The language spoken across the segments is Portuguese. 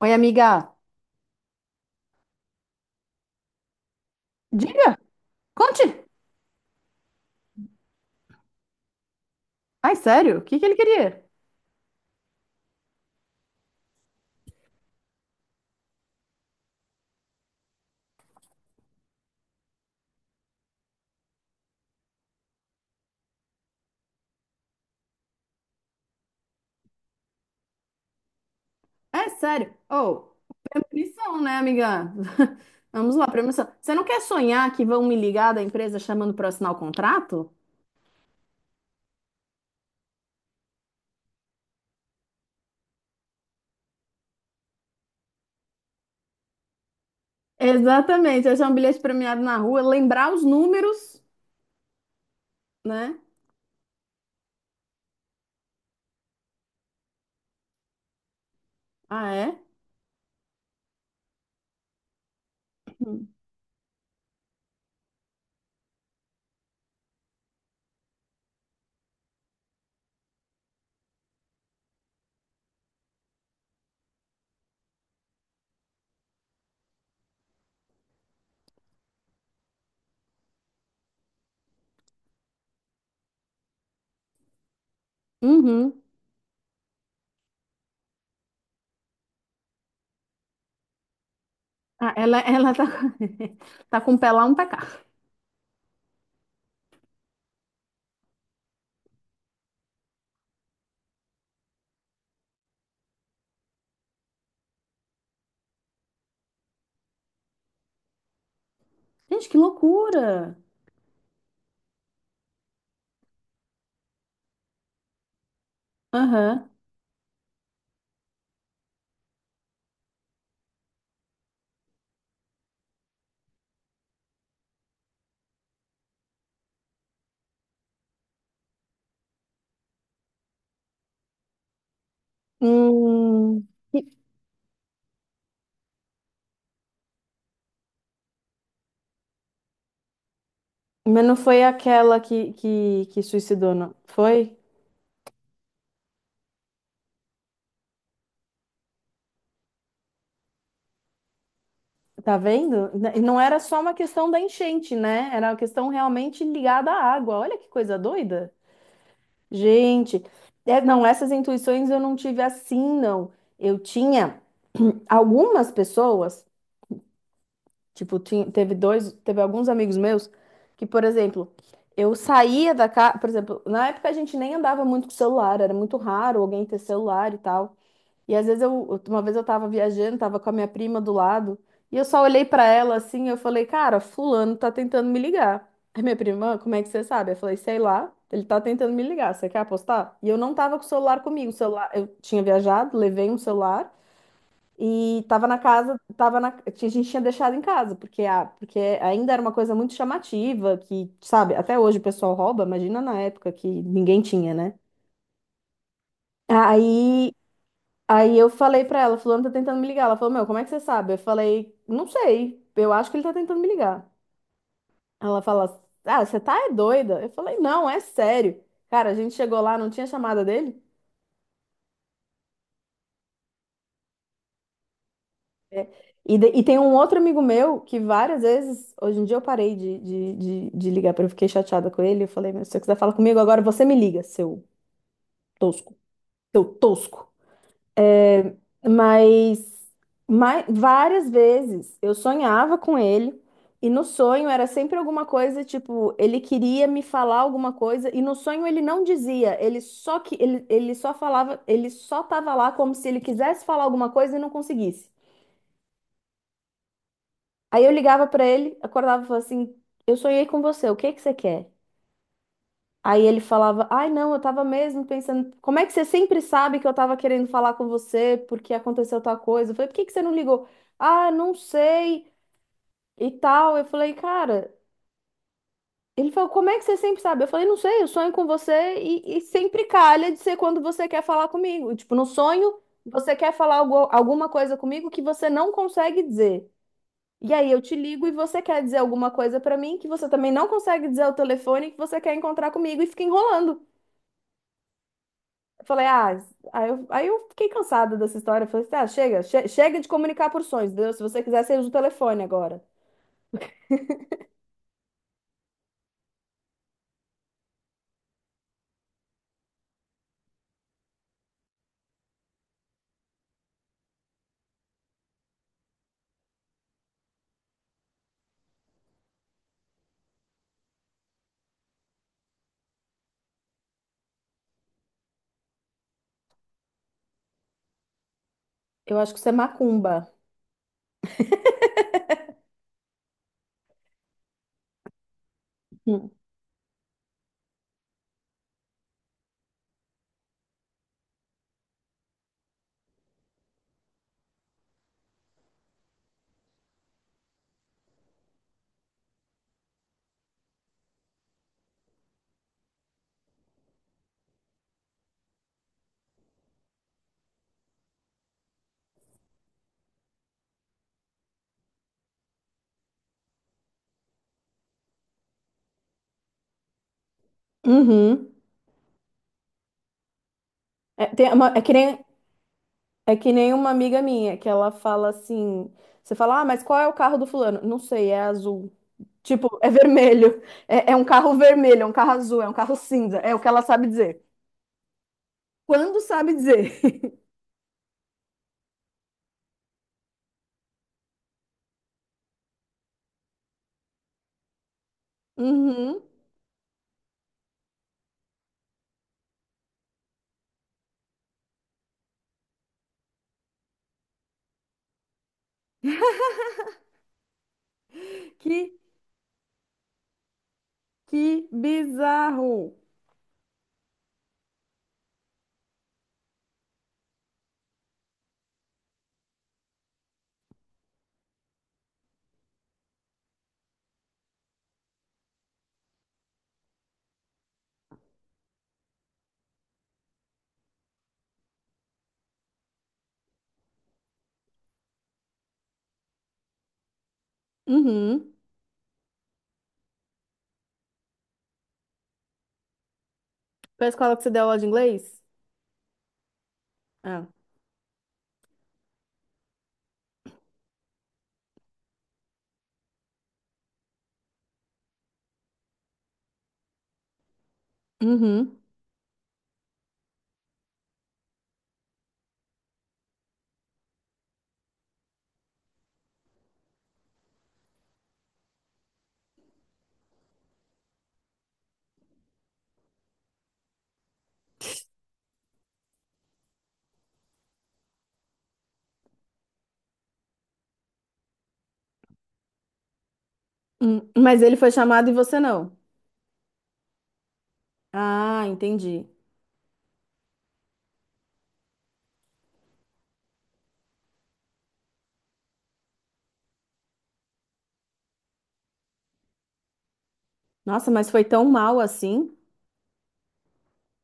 Oi, amiga. Diga, conte. Ai, sério? O que que ele queria? É sério. Oh, premonição, né, amiga? Vamos lá, premonição. Você não quer sonhar que vão me ligar da empresa chamando para assinar o contrato? Exatamente. Achar um bilhete premiado na rua, lembrar os números, né? Ah, é? Uhum. Ah, ela tá, tá com o pé lá, um pé cá. Gente, que loucura! Aham. Hum, mas não foi aquela que suicidou, não? Foi? Tá vendo? E não era só uma questão da enchente, né? Era uma questão realmente ligada à água. Olha que coisa doida. Gente, é, não, essas intuições eu não tive assim, não. Eu tinha algumas pessoas, tipo, teve dois, teve alguns amigos meus que, por exemplo, eu saía da casa, por exemplo, na época a gente nem andava muito com celular, era muito raro alguém ter celular e tal. E às vezes eu, uma vez eu tava viajando, tava com a minha prima do lado, e eu só olhei pra ela assim, eu falei, cara, fulano tá tentando me ligar. Aí minha prima, "Ah, como é que você sabe? Eu falei, sei lá, ele tá tentando me ligar, você quer apostar? E eu não tava com o celular comigo, o celular, eu tinha viajado, levei um celular e tava na casa, tava na, a gente tinha deixado em casa, porque, a, porque ainda era uma coisa muito chamativa, que, sabe, até hoje o pessoal rouba, imagina na época que ninguém tinha, né? Aí Aí eu falei pra ela, fulano tá tentando me ligar. Ela falou, meu, como é que você sabe? Eu falei, não sei, eu acho que ele tá tentando me ligar. Ela fala, ah, você tá é doida? Eu falei, não, é sério. Cara, a gente chegou lá, não tinha chamada dele. É. E, e tem um outro amigo meu que várias vezes, hoje em dia eu parei de ligar, porque eu fiquei chateada com ele. Eu falei, meu, se você quiser falar comigo agora, você me liga, seu tosco, seu tosco. Mas, várias vezes eu sonhava com ele, e no sonho era sempre alguma coisa, tipo, ele queria me falar alguma coisa, e no sonho ele não dizia, ele só falava, ele só tava lá como se ele quisesse falar alguma coisa e não conseguisse. Aí eu ligava pra ele, acordava e falava assim: Eu sonhei com você, o que que você quer? Aí ele falava: Ai, não, eu tava mesmo pensando, como é que você sempre sabe que eu tava querendo falar com você porque aconteceu tal coisa? Eu falei: Por que que você não ligou? Ah, não sei e tal. Eu falei: Cara, ele falou: Como é que você sempre sabe? Eu falei: Não sei, eu sonho com você e sempre calha de ser quando você quer falar comigo. Tipo, no sonho, você quer falar algo, alguma coisa comigo que você não consegue dizer. E aí eu te ligo e você quer dizer alguma coisa pra mim que você também não consegue dizer ao telefone e que você quer encontrar comigo e fica enrolando. Eu falei, ah, aí eu fiquei cansada dessa história. Eu falei, assim, ah, chega, chega de comunicar por sonhos, entendeu? Se você quiser, você usa o telefone agora. Eu acho que isso é macumba. Hum. Uhum. É, é que nem uma amiga minha, que ela fala assim: você fala, ah, mas qual é o carro do fulano? Não sei, é azul. Tipo, é vermelho. É, é um carro vermelho, é um carro azul, é um carro cinza. É o que ela sabe dizer. Quando sabe dizer? Uhum. Que, que bizarro. Uhum. Foi a escola que você deu aula de inglês? Ah. Uhum. Mas ele foi chamado e você não. Ah, entendi. Nossa, mas foi tão mal assim?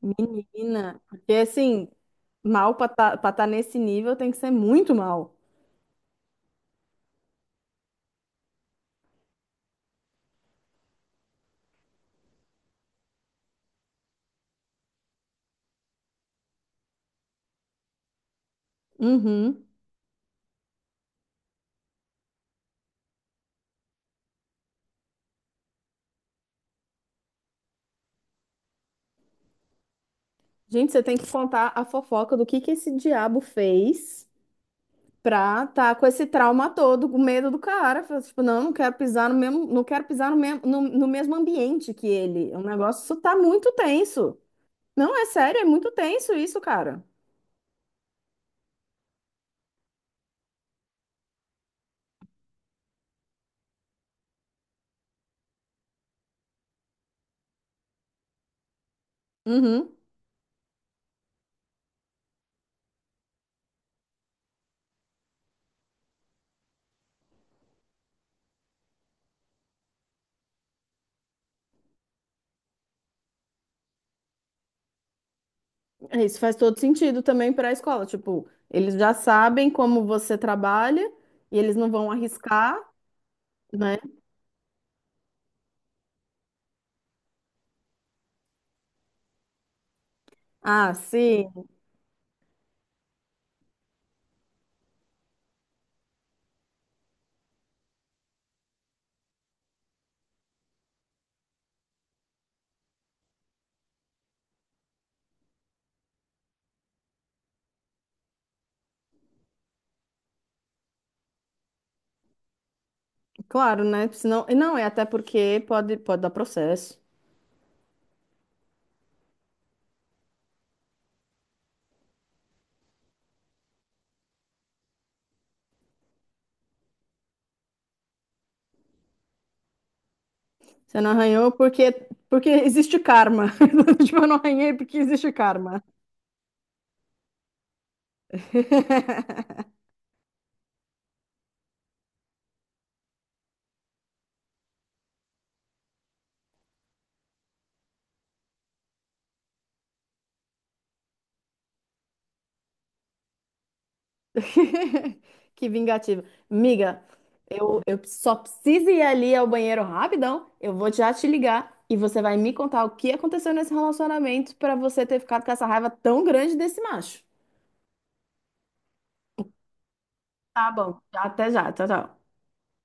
Menina, porque assim, mal pra estar nesse nível tem que ser muito mal. Uhum. Gente, você tem que contar a fofoca do que esse diabo fez pra tá com esse trauma todo, com medo do cara. Fala, tipo, não, não quero pisar no mesmo, não quero pisar no mesmo, no, no mesmo ambiente que ele. O negócio isso tá muito tenso. Não, é sério, é muito tenso isso, cara. Uhum. É, isso faz todo sentido também para a escola. Tipo, eles já sabem como você trabalha e eles não vão arriscar, né? Ah, sim, claro, né? Senão, e não, é até porque pode, pode dar processo. Você não arranhou porque, porque existe karma. Tipo, eu não arranhei porque existe karma. Que vingativo. Miga, eu só preciso ir ali ao banheiro rapidão. Eu vou já te ligar e você vai me contar o que aconteceu nesse relacionamento para você ter ficado com essa raiva tão grande desse macho. Tá bom. Até já. Tchau, tchau.